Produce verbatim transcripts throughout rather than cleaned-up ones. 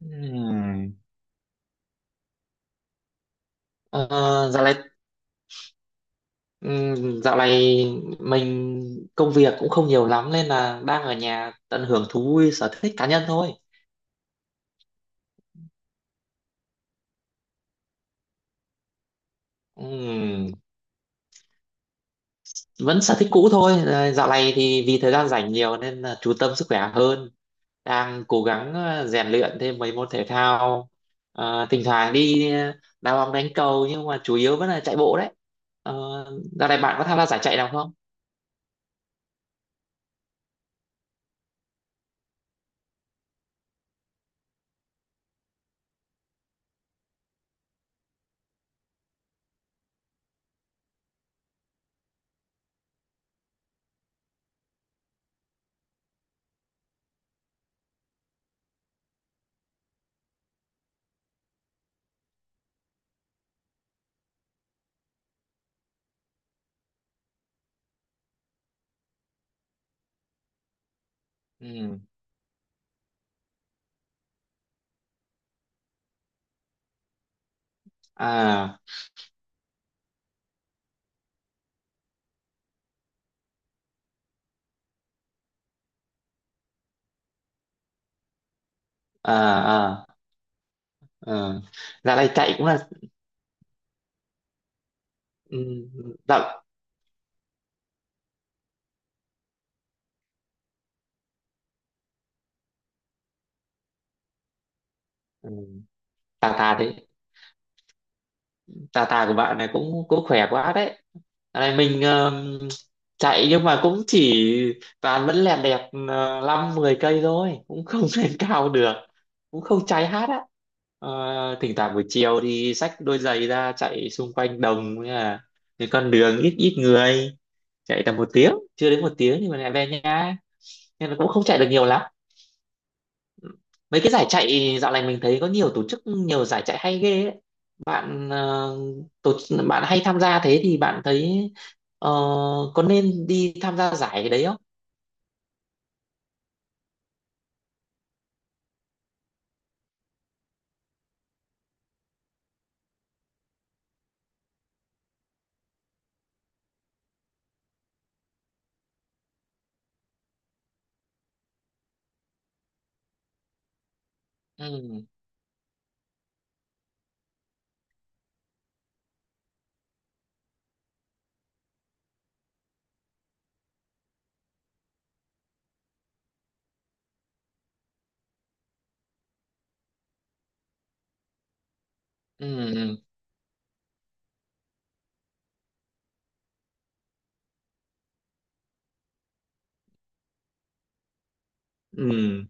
Ừm. Ờ, dạo này ừm, dạo này mình công việc cũng không nhiều lắm nên là đang ở nhà tận hưởng thú vui sở thích cá nhân thôi. Ừm, vẫn sở thích cũ thôi. Ờ, Dạo này thì vì thời gian rảnh nhiều nên là chú tâm sức khỏe hơn. Đang cố gắng ờ, rèn luyện thêm mấy môn thể thao. Ờ, thỉnh thoảng đi ờ, đá bóng đánh cầu, nhưng mà chủ yếu vẫn là chạy bộ đấy. Ờ, dạo này bạn có tham gia giải chạy nào không? Ừm. À, à, à. Ờ, dạo này chạy cũng là ừ, rộng. Ừ, tà tà đấy. Tà tà của bạn này cũng cũng khỏe quá đấy. Dạo này mình ờm, chạy nhưng mà cũng chỉ toàn vẫn lẹt đẹt ờ, năm mười cây thôi, cũng không lên cao được, cũng không cháy hát á. Ờ, thỉnh thoảng buổi chiều thì xách đôi giày ra chạy xung quanh đồng, với là cái con đường ít ít người, chạy tầm một tiếng, chưa đến một tiếng, nhưng mà lại về nhà nên là cũng không chạy được nhiều lắm. Mấy cái giải chạy dạo này mình thấy có nhiều tổ chức, nhiều giải chạy hay ghê ấy. Bạn ờ, tổ bạn hay tham gia thế thì bạn thấy ờ, có nên đi tham gia giải cái đấy không? Ừ, ừ, ừ, ừ,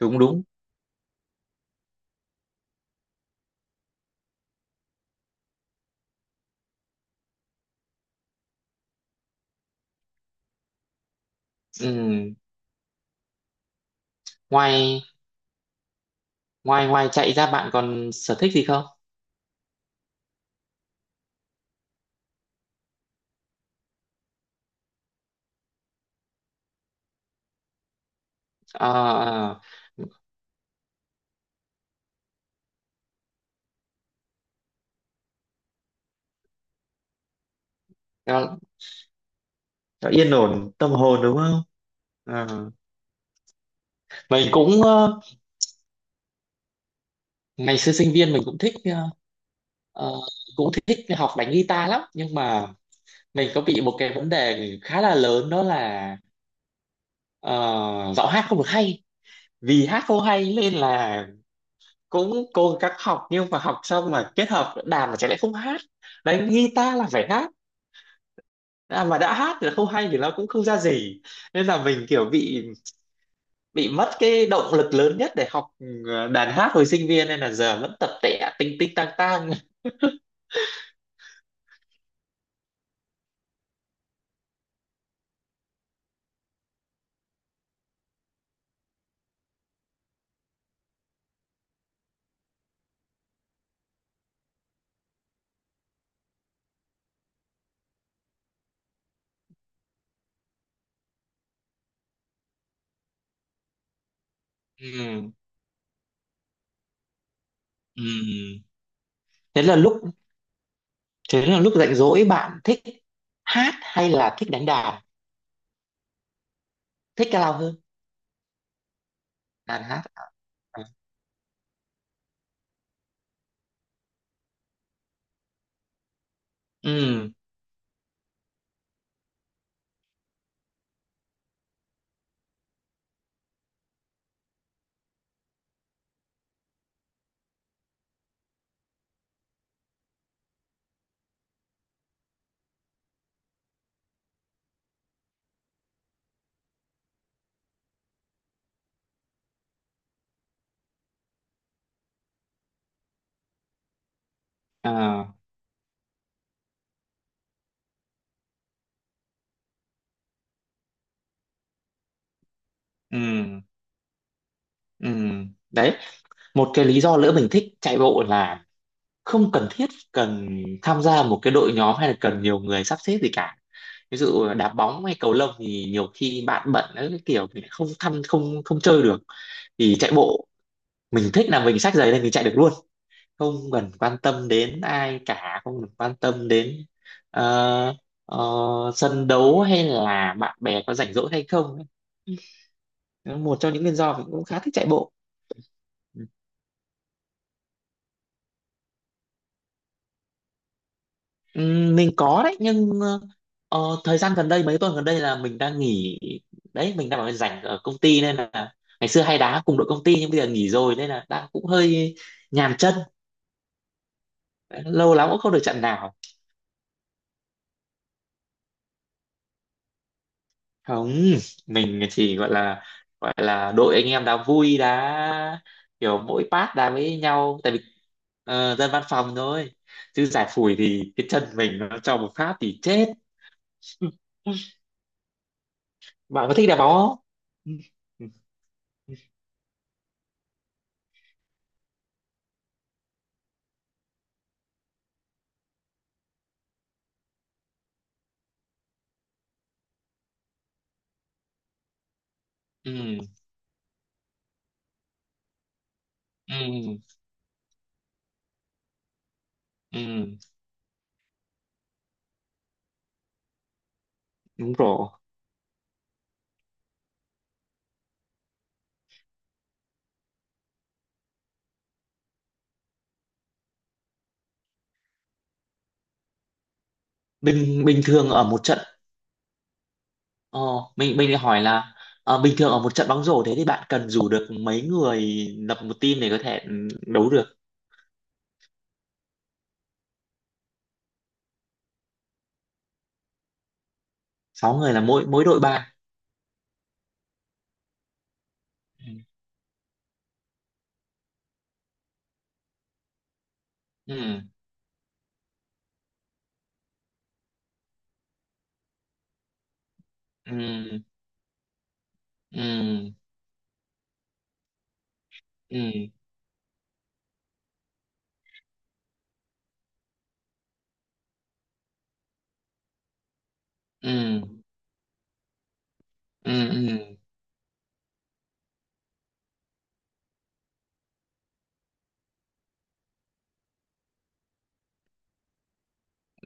đúng đúng. Ừ. Ngoài ngoài ngoài chạy ra, bạn còn sở thích gì không? Ờ, ờ, cho, cho yên ổn tâm hồn, đúng không? Ờ. Mình cũng ờ, ngày xưa sinh viên mình cũng thích ờ, ờ, cũng thích học đánh guitar lắm, nhưng mà mình có bị một cái vấn đề khá là lớn, đó là ờ, giọng hát không được hay. Vì hát không hay nên là cũng cố gắng học, nhưng mà học xong mà kết hợp đàn mà chẳng lẽ không hát. Đánh guitar là phải hát. À, mà đã hát thì không hay thì nó cũng không ra gì, nên là mình kiểu bị bị mất cái động lực lớn nhất để học ừ, đàn hát hồi sinh viên, nên là giờ vẫn tập tẻ tinh tinh tang tang ừ. Ừ. thế là lúc thế là lúc rảnh rỗi bạn thích hát hay là thích đánh đàn, thích cái lao hơn? Đàn hát. À, ừ, à, ừ, ừ. Đấy, một cái lý do nữa mình thích chạy bộ là không cần thiết cần tham gia một cái đội nhóm hay là cần nhiều người sắp xếp gì cả. Ví dụ đá bóng hay cầu lông thì nhiều khi bạn bận ấy, cái kiểu mình không thăm không không chơi được. Thì chạy bộ, mình thích là mình xách giày lên mình chạy được luôn, không cần quan tâm đến ai cả, không cần quan tâm đến ờ, ờ, sân đấu hay là bạn bè có rảnh rỗi hay không ấy. Đó là một trong những nguyên do mình cũng khá thích chạy bộ. Ừm, mình có đấy, nhưng ờ, ờ, thời gian gần đây, mấy tuần gần đây là mình đang nghỉ đấy, mình đang ở rảnh ở công ty nên là ngày xưa hay đá cùng đội công ty, nhưng bây giờ nghỉ rồi nên là đang cũng hơi nhàm chân, lâu lắm cũng không được trận nào. Không, mình chỉ gọi là gọi là đội anh em đã vui đã, kiểu mỗi part đá với nhau. Tại vì ờ, dân văn phòng thôi, chứ giải phủi thì cái chân mình nó cho một phát thì chết bạn có thích đá bóng không? Ừ, ừ, ừ, ừ, đúng rồi. Bình bình thường ở một trận. Ờ, mình mình lại hỏi là ờ, bình thường ở một trận bóng rổ thế thì bạn cần rủ được mấy người lập một team để có thể ừ, đấu được? Sáu người là mỗi mỗi đội ba. Ừ, ừ, ừ, ừ, ừ, ừ, ừ,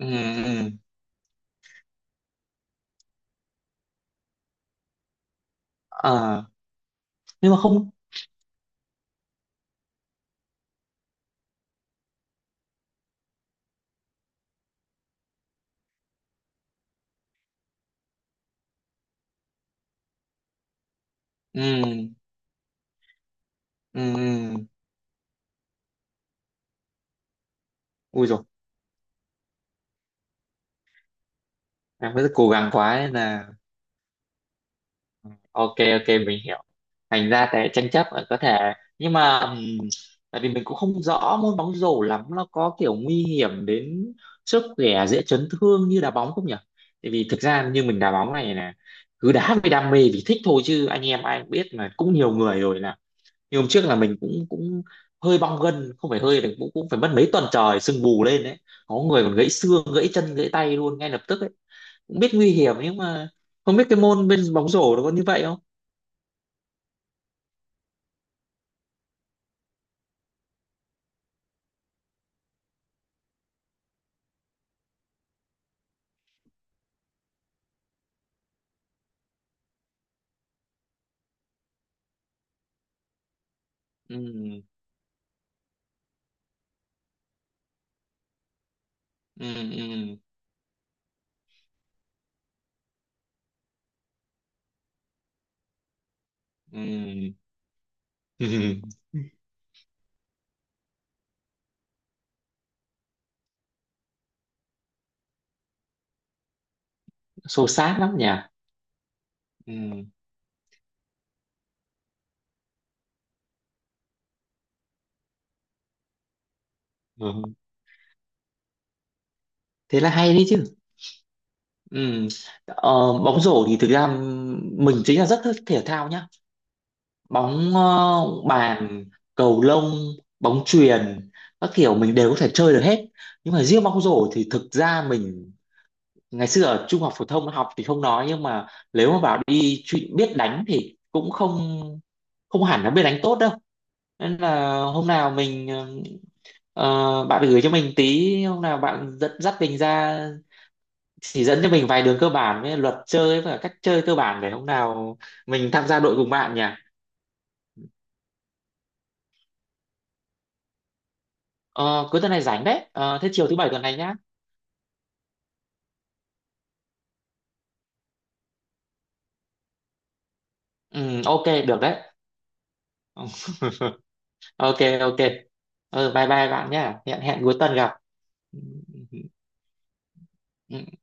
ừ, ừ. Ờ, nhưng mà không. Ừ, ừ, ừ. Ui rồi, em rất cố gắng quá nên là ok, ok, mình hiểu. Thành ra cái tranh chấp là có thể, nhưng mà ừm, tại vì mình cũng không rõ môn bóng rổ lắm, nó có kiểu nguy hiểm đến sức khỏe, dễ chấn thương như đá bóng không nhỉ? Tại vì thực ra như mình đá bóng này là cứ đá vì đam mê vì thích thôi, chứ anh em ai cũng biết mà, cũng nhiều người rồi, là như hôm trước là mình cũng cũng hơi bong gân, không phải hơi, cũng cũng phải mất mấy tuần trời sưng vù lên đấy. Có người còn gãy xương, gãy chân, gãy tay luôn ngay lập tức ấy. Cũng biết nguy hiểm nhưng mà không biết cái môn bên bóng rổ nó có như vậy không. Ừ, ừ, ừ, ừ ừ. Xô xát lắm nhỉ. Ừ, ừ, thế là hay đấy chứ. Ừ, ờ, bóng rổ thì thực ra mình chính là rất thích thể thao nhá. Bóng ờ, bàn, cầu lông, bóng chuyền, các kiểu mình đều có thể chơi được hết. Nhưng mà riêng bóng rổ thì thực ra mình ngày xưa ở trung học phổ thông học thì không nói, nhưng mà nếu mà bảo đi chuyện biết đánh thì cũng không không hẳn là biết đánh tốt đâu. Nên là hôm nào mình ờ, bạn gửi cho mình tí, hôm nào bạn dẫn dắt mình ra chỉ dẫn cho mình vài đường cơ bản với luật chơi và cách chơi cơ bản, để hôm nào mình tham gia đội cùng bạn nhỉ? Ờ, cuối tuần này rảnh đấy. Ờ, thế chiều thứ bảy tuần này nhá. Ừ, ok, được đấy. Ừ, ok, ok. Ừ, bye bye bạn nhá. Hẹn hẹn cuối tuần gặp. Ừ, ừ, ừ.